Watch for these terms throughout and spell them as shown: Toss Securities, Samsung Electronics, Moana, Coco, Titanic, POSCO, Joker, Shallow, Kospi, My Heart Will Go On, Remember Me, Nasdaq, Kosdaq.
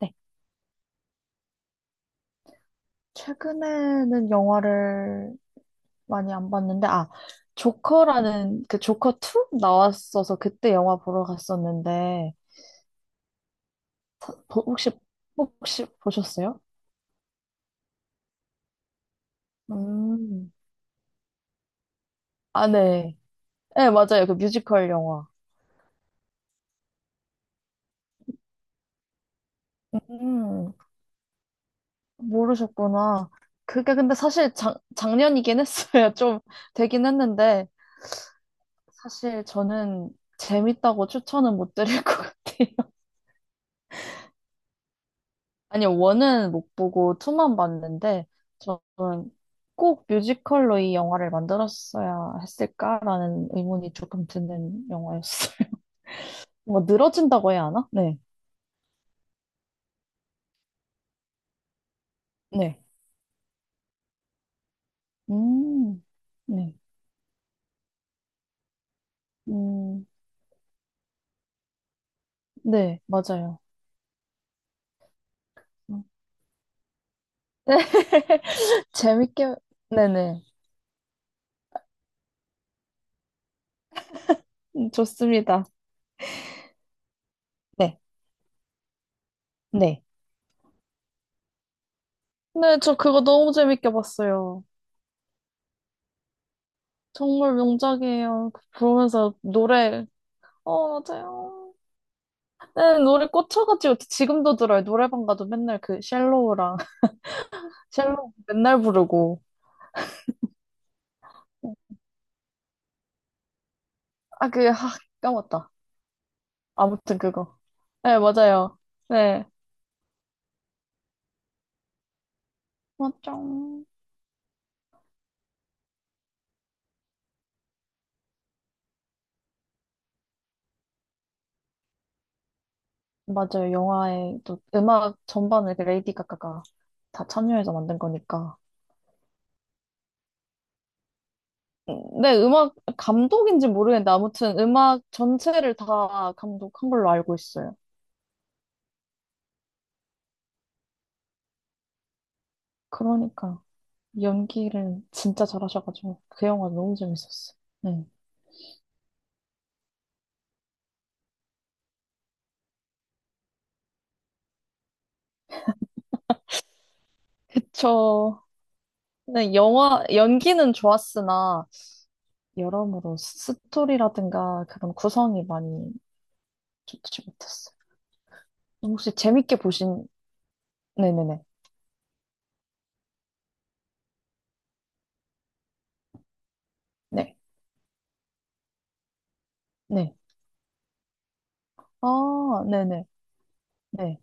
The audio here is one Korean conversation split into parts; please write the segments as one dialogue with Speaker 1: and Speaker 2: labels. Speaker 1: 네. 최근에는 영화를 많이 안 봤는데, 아, 조커라는 그 조커 2 나왔어서 그때 영화 보러 갔었는데, 혹시, 보셨어요? 음, 아, 네. 네, 맞아요. 그 뮤지컬 영화. 음, 모르셨구나. 그게 근데 사실 작년이긴 했어요. 좀 되긴 했는데, 사실 저는 재밌다고 추천은 못 드릴 것 같아요. 아니, 원은 못 보고 투만 봤는데, 저는 꼭 뮤지컬로 이 영화를 만들었어야 했을까라는 의문이 조금 드는 영화였어요. 뭐, 늘어진다고 해야 하나? 네. 네. 음, 네. 음, 네, 맞아요. 음. 네, 재밌게, 네네. 좋습니다. 네, 네. 네, 저 그거 너무 재밌게 봤어요. 정말 명작이에요. 그 보면서 노래, 어, 맞아요. 네, 노래 꽂혀가지고 지금도 들어요. 노래방 가도 맨날 그 쉘로우랑 쉘로우 맨날 부르고. 아, 그, 아, 까먹었다. 아무튼 그거. 네, 맞아요. 네. 맞죠. 맞아요. 영화에 또 음악 전반을 그 레이디 가가가 다 참여해서 만든 거니까. 네, 음악 감독인지 모르겠는데 아무튼 음악 전체를 다 감독한 걸로 알고 있어요. 그러니까 연기를 진짜 잘하셔가지고 그 영화 너무 재밌었어요. 네. 그쵸. 근데 영화, 연기는 좋았으나, 여러모로 스토리라든가 그런 구성이 많이 좋지 못했어요. 혹시 재밌게 보신, 네네네. 네, 네. 아, 네네. 네.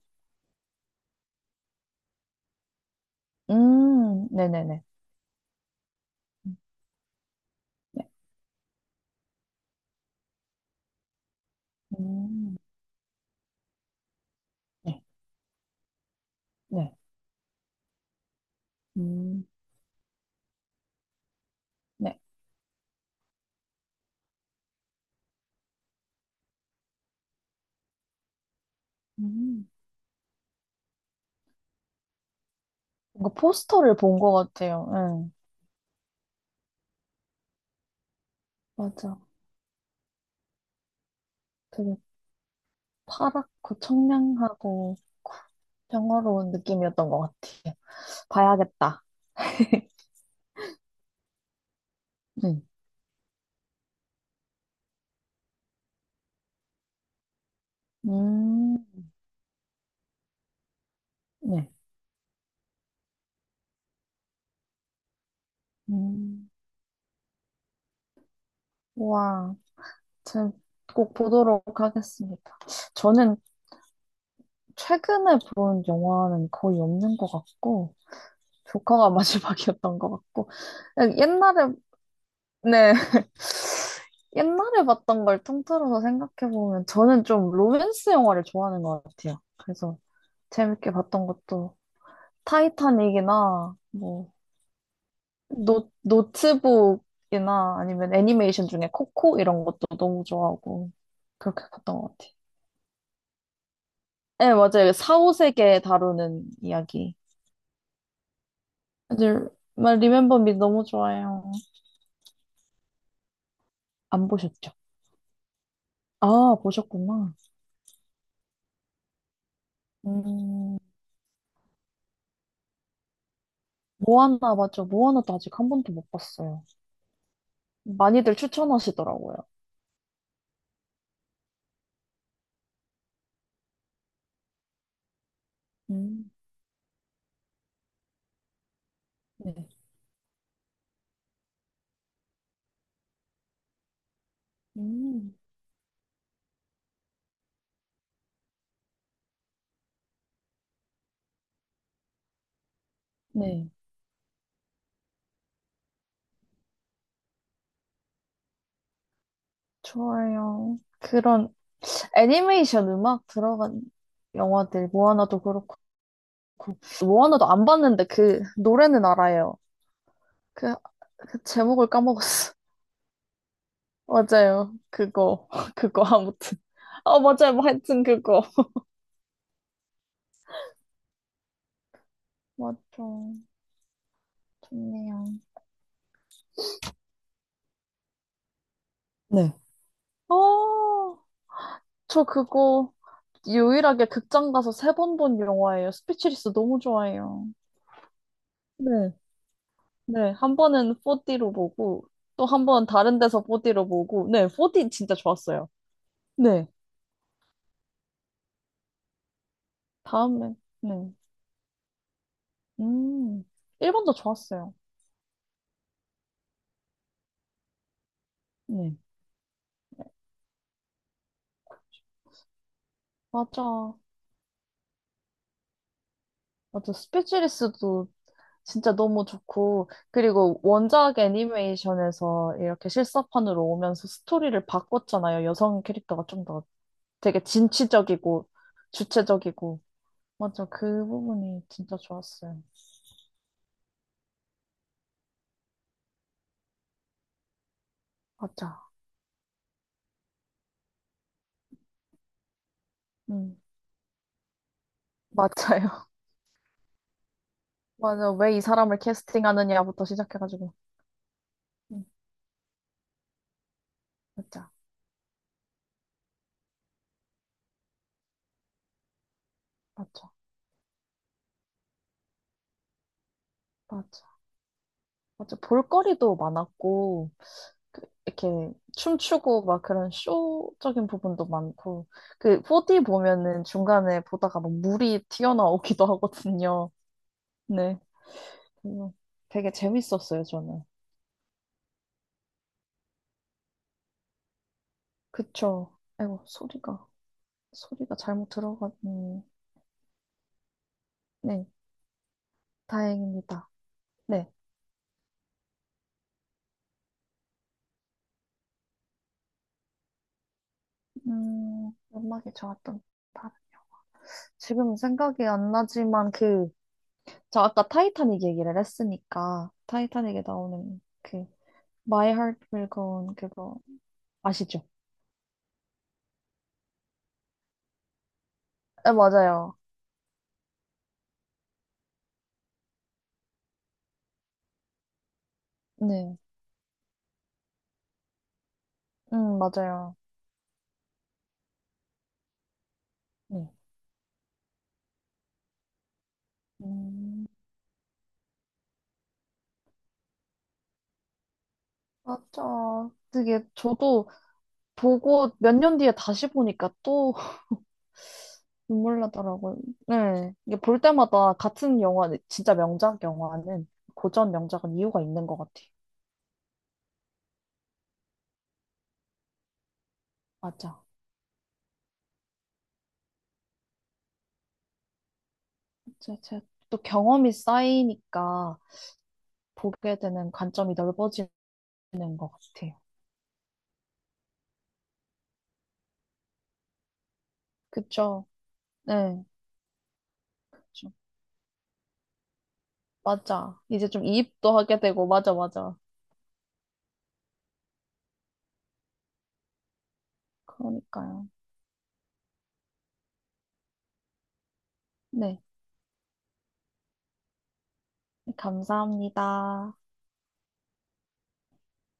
Speaker 1: 네네네. 음, 네. 음, 네. 네. 음, 네. 음. 뭔가 포스터를 본 것 같아요. 네. 맞아. 되게 파랗고 청량하고 영화로운 느낌이었던 것 같아요. 봐야겠다. 네. 음, 네. 음, 와, 제가 꼭 보도록 하겠습니다. 저는 최근에 본 영화는 거의 없는 것 같고, 조커가 마지막이었던 것 같고, 옛날에, 네, 옛날에 봤던 걸 통틀어서 생각해보면, 저는 좀 로맨스 영화를 좋아하는 것 같아요. 그래서 재밌게 봤던 것도, 타이타닉이나, 뭐, 노트북이나 아니면 애니메이션 중에 코코 이런 것도 너무 좋아하고, 그렇게 봤던 것 같아요. 네, 맞아요. 사오세계 다루는 이야기. 사실, 말 리멤버 미 너무 좋아요. 안 보셨죠? 아, 보셨구나. 음, 모아나 맞죠? 모아나도 아직 한 번도 못 봤어요. 많이들 추천하시더라고요. 음, 네. 음, 네. 좋아요. 그런 애니메이션 음악 들어간 영화들, 모아나도 그렇고, 모아나도 안 봤는데 그 노래는 알아요. 그, 그 제목을 까먹었어. 맞아요. 그거, 그거, 아무튼. 어, 맞아요. 뭐 하여튼 그거. 맞죠. 좋네요. 네. 어, 저 그거 유일하게 극장 가서 세 번 본 영화예요. 스피치리스 너무 좋아해요. 네. 네, 한 번은 4D로 보고, 또 한 번 다른 데서 4D로 보고, 네, 4D 진짜 좋았어요. 네. 다음에, 네. 음, 1번도 좋았어요. 네. 맞아. 맞아. 스피치리스도 진짜 너무 좋고, 그리고 원작 애니메이션에서 이렇게 실사판으로 오면서 스토리를 바꿨잖아요. 여성 캐릭터가 좀 더 되게 진취적이고, 주체적이고. 맞아, 그 부분이 진짜 좋았어요. 맞아. 음, 맞아요. 맞아, 왜 이 사람을 캐스팅하느냐부터 시작해가지고. 음, 맞아, 맞아, 맞아. 맞아, 볼거리도 많았고, 이렇게 춤추고 막 그런 쇼적인 부분도 많고 그 4D 보면은 중간에 보다가 막 물이 튀어나오기도 하거든요. 네. 그래서 되게 재밌었어요, 저는. 그쵸. 아이고, 소리가 소리가 잘못 들어갔니. 네. 다행입니다. 네. 음악이 좋았던 다- 지금 생각이 안 나지만 그 저 아까 타이타닉 얘기를 했으니까 타이타닉에 나오는 그 My Heart Will Go On 그거 아시죠? 네, 맞아요. 네. 맞아요. 네. 음, 맞아. 그게 저도 보고 몇 년 뒤에 다시 보니까 또 눈물 나더라고요. 네. 이게 볼 때마다 같은 영화, 진짜 명작 영화는 고전 명작은 이유가 있는 것 같아요. 맞아. 제, 제, 또 경험이 쌓이니까 보게 되는 관점이 넓어지는 것 같아요. 그쵸? 네. 그쵸. 맞아. 이제 좀 이입도 하게 되고, 맞아, 맞아. 그러니까요. 네. 네, 감사합니다.